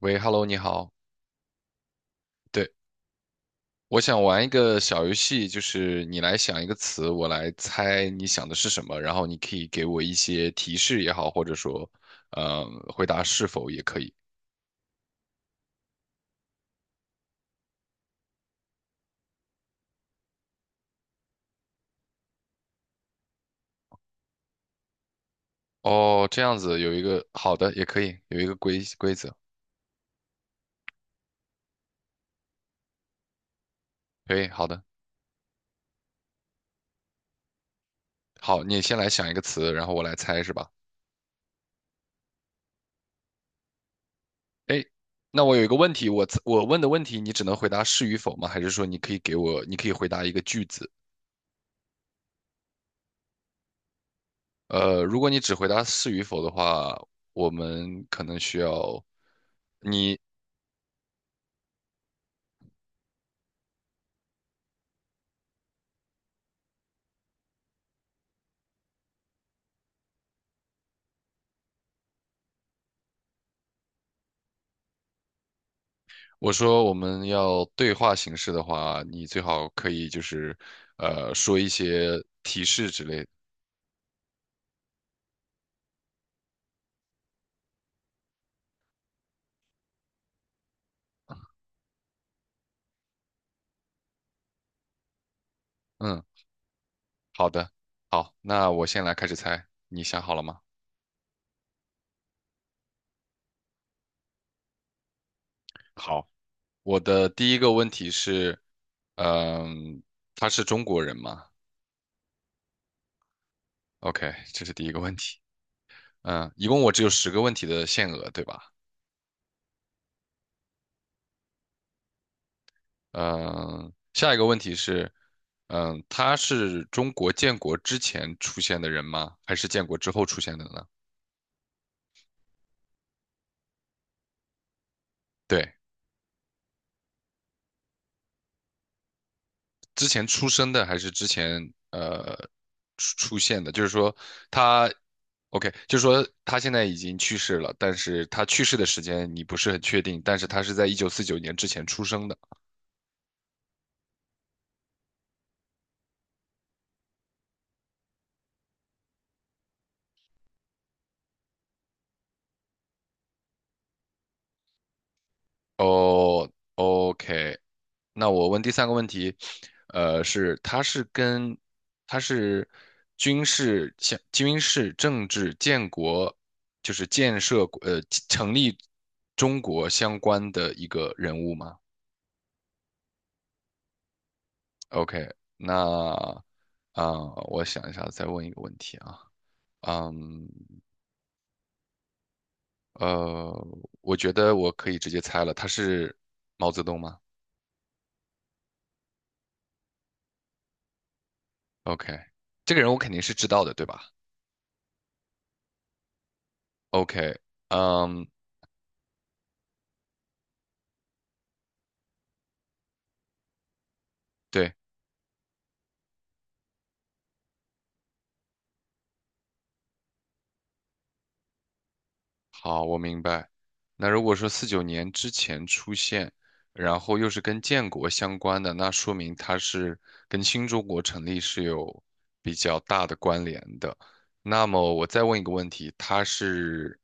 喂，Hello，你好。对，我想玩一个小游戏，就是你来想一个词，我来猜你想的是什么，然后你可以给我一些提示也好，或者说，呃，回答是否也可以。哦，这样子有一个好的也可以，有一个规则，可以，好的，好，你先来想一个词，然后我来猜是吧？哎，那我有一个问题，我问的问题你只能回答是与否吗？还是说你可以给我，你可以回答一个句子？如果你只回答是与否的话，我们可能需要你。我说我们要对话形式的话，你最好可以就是说一些提示之类的。嗯，好的，好，那我先来开始猜，你想好了吗？好，我的第一个问题是，嗯、他是中国人吗？OK，这是第一个问题。一共我只有10个问题的限额，对吧？嗯，下一个问题是，他是中国建国之前出现的人吗？还是建国之后出现的呢？对，之前出生的还是之前出现的？就是说他，OK，就是说他现在已经去世了，但是他去世的时间你不是很确定，但是他是在1949年之前出生的。哦，OK，那我问第三个问题，呃，是他是跟他是军事、像军事、政治、建国，就是建设成立中国相关的一个人物吗？OK，那啊、我想一下，再问一个问题啊，嗯，呃，我觉得我可以直接猜了，他是毛泽东吗？OK，这个人我肯定是知道的，对吧？OK，嗯，对，好，我明白。那如果说四九年之前出现，然后又是跟建国相关的，那说明它是跟新中国成立是有比较大的关联的。那么我再问一个问题，它是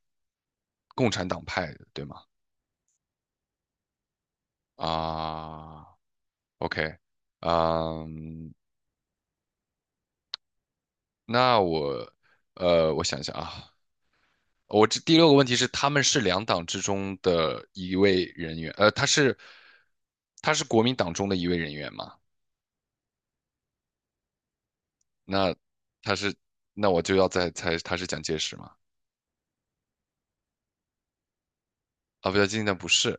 共产党派的，对吗？啊，OK，嗯，那我想想啊，我这第六个问题是，他们是两党之中的一位人员，他是国民党中的一位人员嘛？那他是，那我就要再猜他是蒋介石吗？啊，不对，今那不是。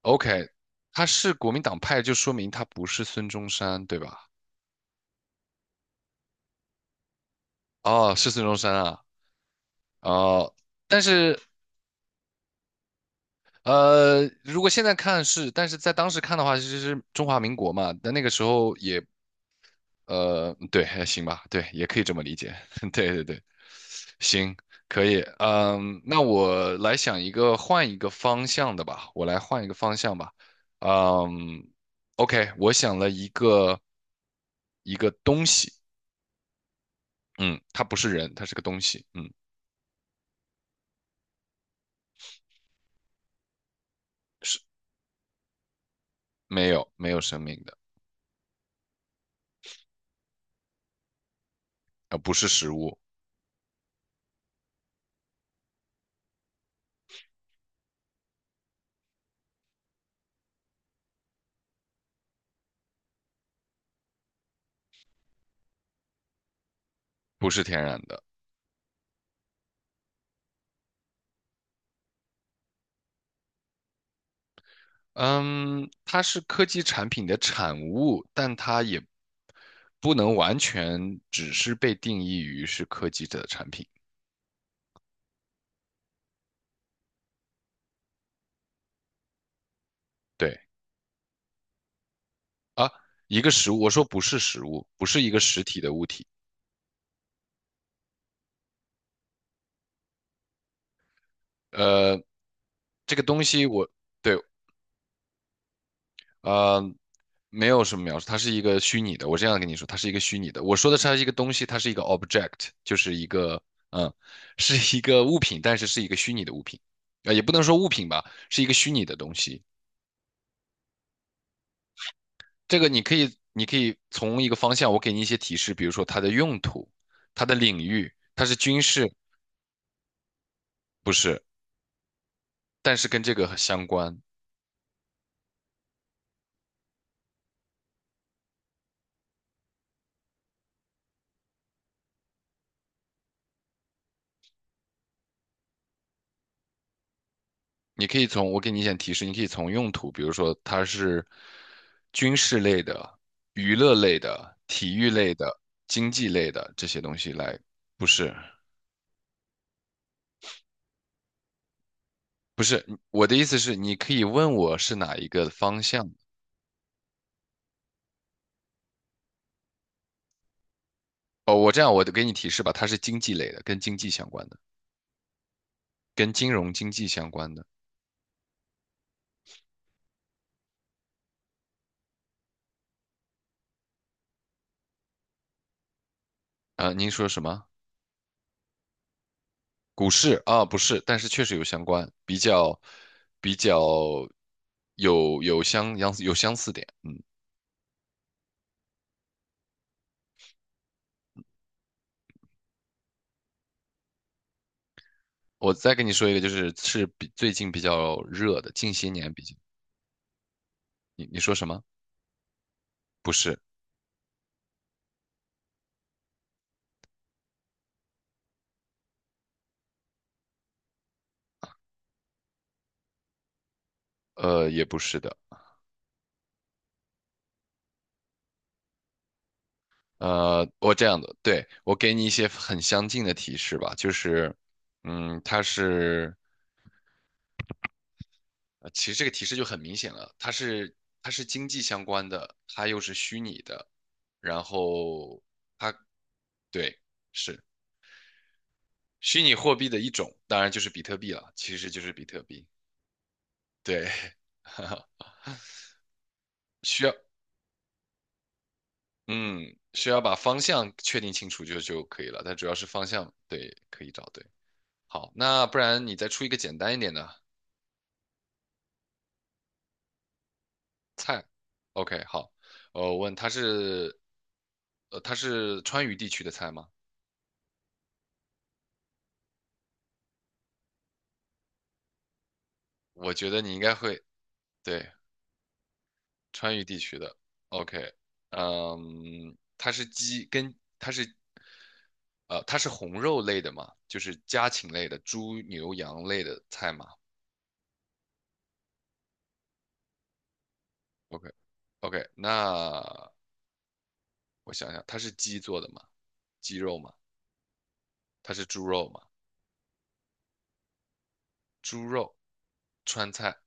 OK，他是国民党派，就说明他不是孙中山，对吧？哦，是孙中山啊，哦，但是如果现在看是，但是在当时看的话，其实是中华民国嘛，但那个时候也对，还行吧，对，也可以这么理解，对对对，行，可以，那我来想一个换一个方向的吧，我来换一个方向吧，嗯，OK，我想了一个东西，嗯，它不是人，它是个东西，是没有生命的，不是食物，不是天然的，嗯，它是科技产品的产物，但它也不能完全只是被定义于是科技的产品。对啊，一个实物，我说不是实物，不是一个实体的物体。呃，这个东西我对呃没有什么描述，它是一个虚拟的。我这样跟你说，它是一个虚拟的。我说的是它是一个东西，它是一个 object，就是一个嗯，是一个物品，但是是一个虚拟的物品。啊，也不能说物品吧，是一个虚拟的东西。这个你可以，你可以从一个方向，我给你一些提示，比如说它的用途、它的领域，它是军事，不是，但是跟这个相关。你可以从，我给你一些提示，你可以从用途，比如说它是军事类的、娱乐类的、体育类的、经济类的这些东西来，不是，不是，我的意思是，你可以问我是哪一个方向。哦，我这样，我给你提示吧，它是经济类的，跟经济相关的，跟金融经济相关的。啊、您说什么？股市啊，不是，但是确实有相关，比较有相似点。我再跟你说一个，就是比最近比较热的，近些年比较，你说什么？不是，也不是的，我这样的，对，我给你一些很相近的提示吧，就是，它是，其实这个提示就很明显了，它是经济相关的，它又是虚拟的，然后它对。是。虚拟货币的一种，当然就是比特币了，其实就是比特币。对，需要，嗯，需要把方向确定清楚就可以了，但主要是方向，对，可以找对。好，那不然你再出一个简单一点的菜。OK，好，我问他是，他是川渝地区的菜吗？我觉得你应该会，对，川渝地区的，OK，它是鸡跟它是，呃，它是红肉类的嘛，就是家禽类的，猪、牛、羊类的菜嘛。OK，OK，那我想想，它是鸡做的嘛，鸡肉嘛，它是猪肉嘛，猪肉川菜。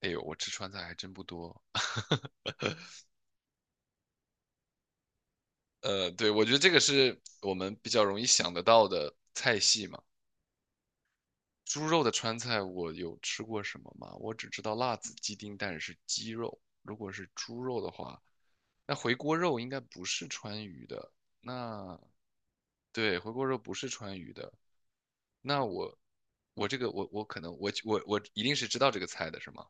哎呦，我吃川菜还真不多。对，我觉得这个是我们比较容易想得到的菜系嘛。猪肉的川菜我有吃过什么吗？我只知道辣子鸡丁蛋是鸡肉，如果是猪肉的话，那回锅肉应该不是川渝的。那对，回锅肉不是川渝的。那我这个我可能我一定是知道这个菜的是吗？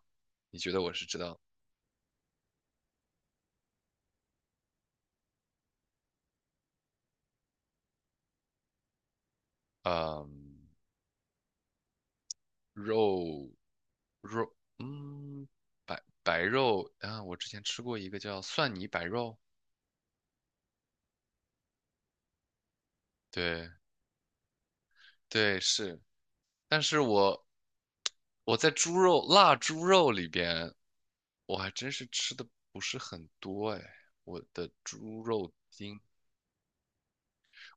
你觉得我是知道？嗯，肉肉嗯白白肉啊，我之前吃过一个叫蒜泥白肉，对对是，但是我在猪肉腊猪肉里边，我还真是吃的不是很多哎。我的猪肉丁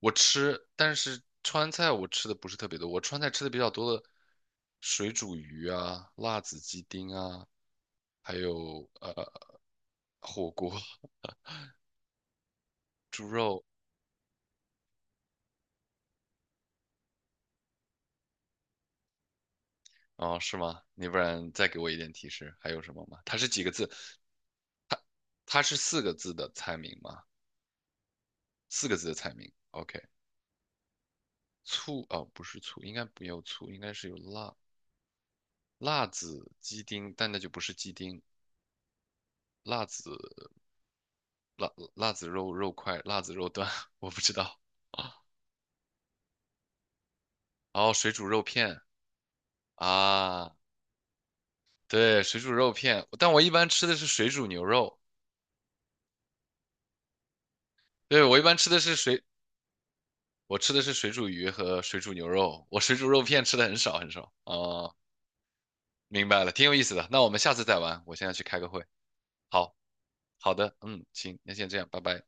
我吃，但是川菜我吃的不是特别多。我川菜吃的比较多的，水煮鱼啊、辣子鸡丁啊，还有火锅。哦，是吗？你不然再给我一点提示，还有什么吗？它是几个字？它是四个字的菜名吗？四个字的菜名。OK，醋哦，不是醋，应该没有醋，应该是有辣。辣子鸡丁，但那就不是鸡丁，辣子辣子肉块，辣子肉段，我不知道。然后水煮肉片啊，对，水煮肉片，但我一般吃的是水煮牛肉，对，我一般吃的是水，我吃的是水煮鱼和水煮牛肉，我水煮肉片吃的很少很少。哦，明白了，挺有意思的。那我们下次再玩，我现在去开个会。好，好的，嗯，行，那先这样，拜拜。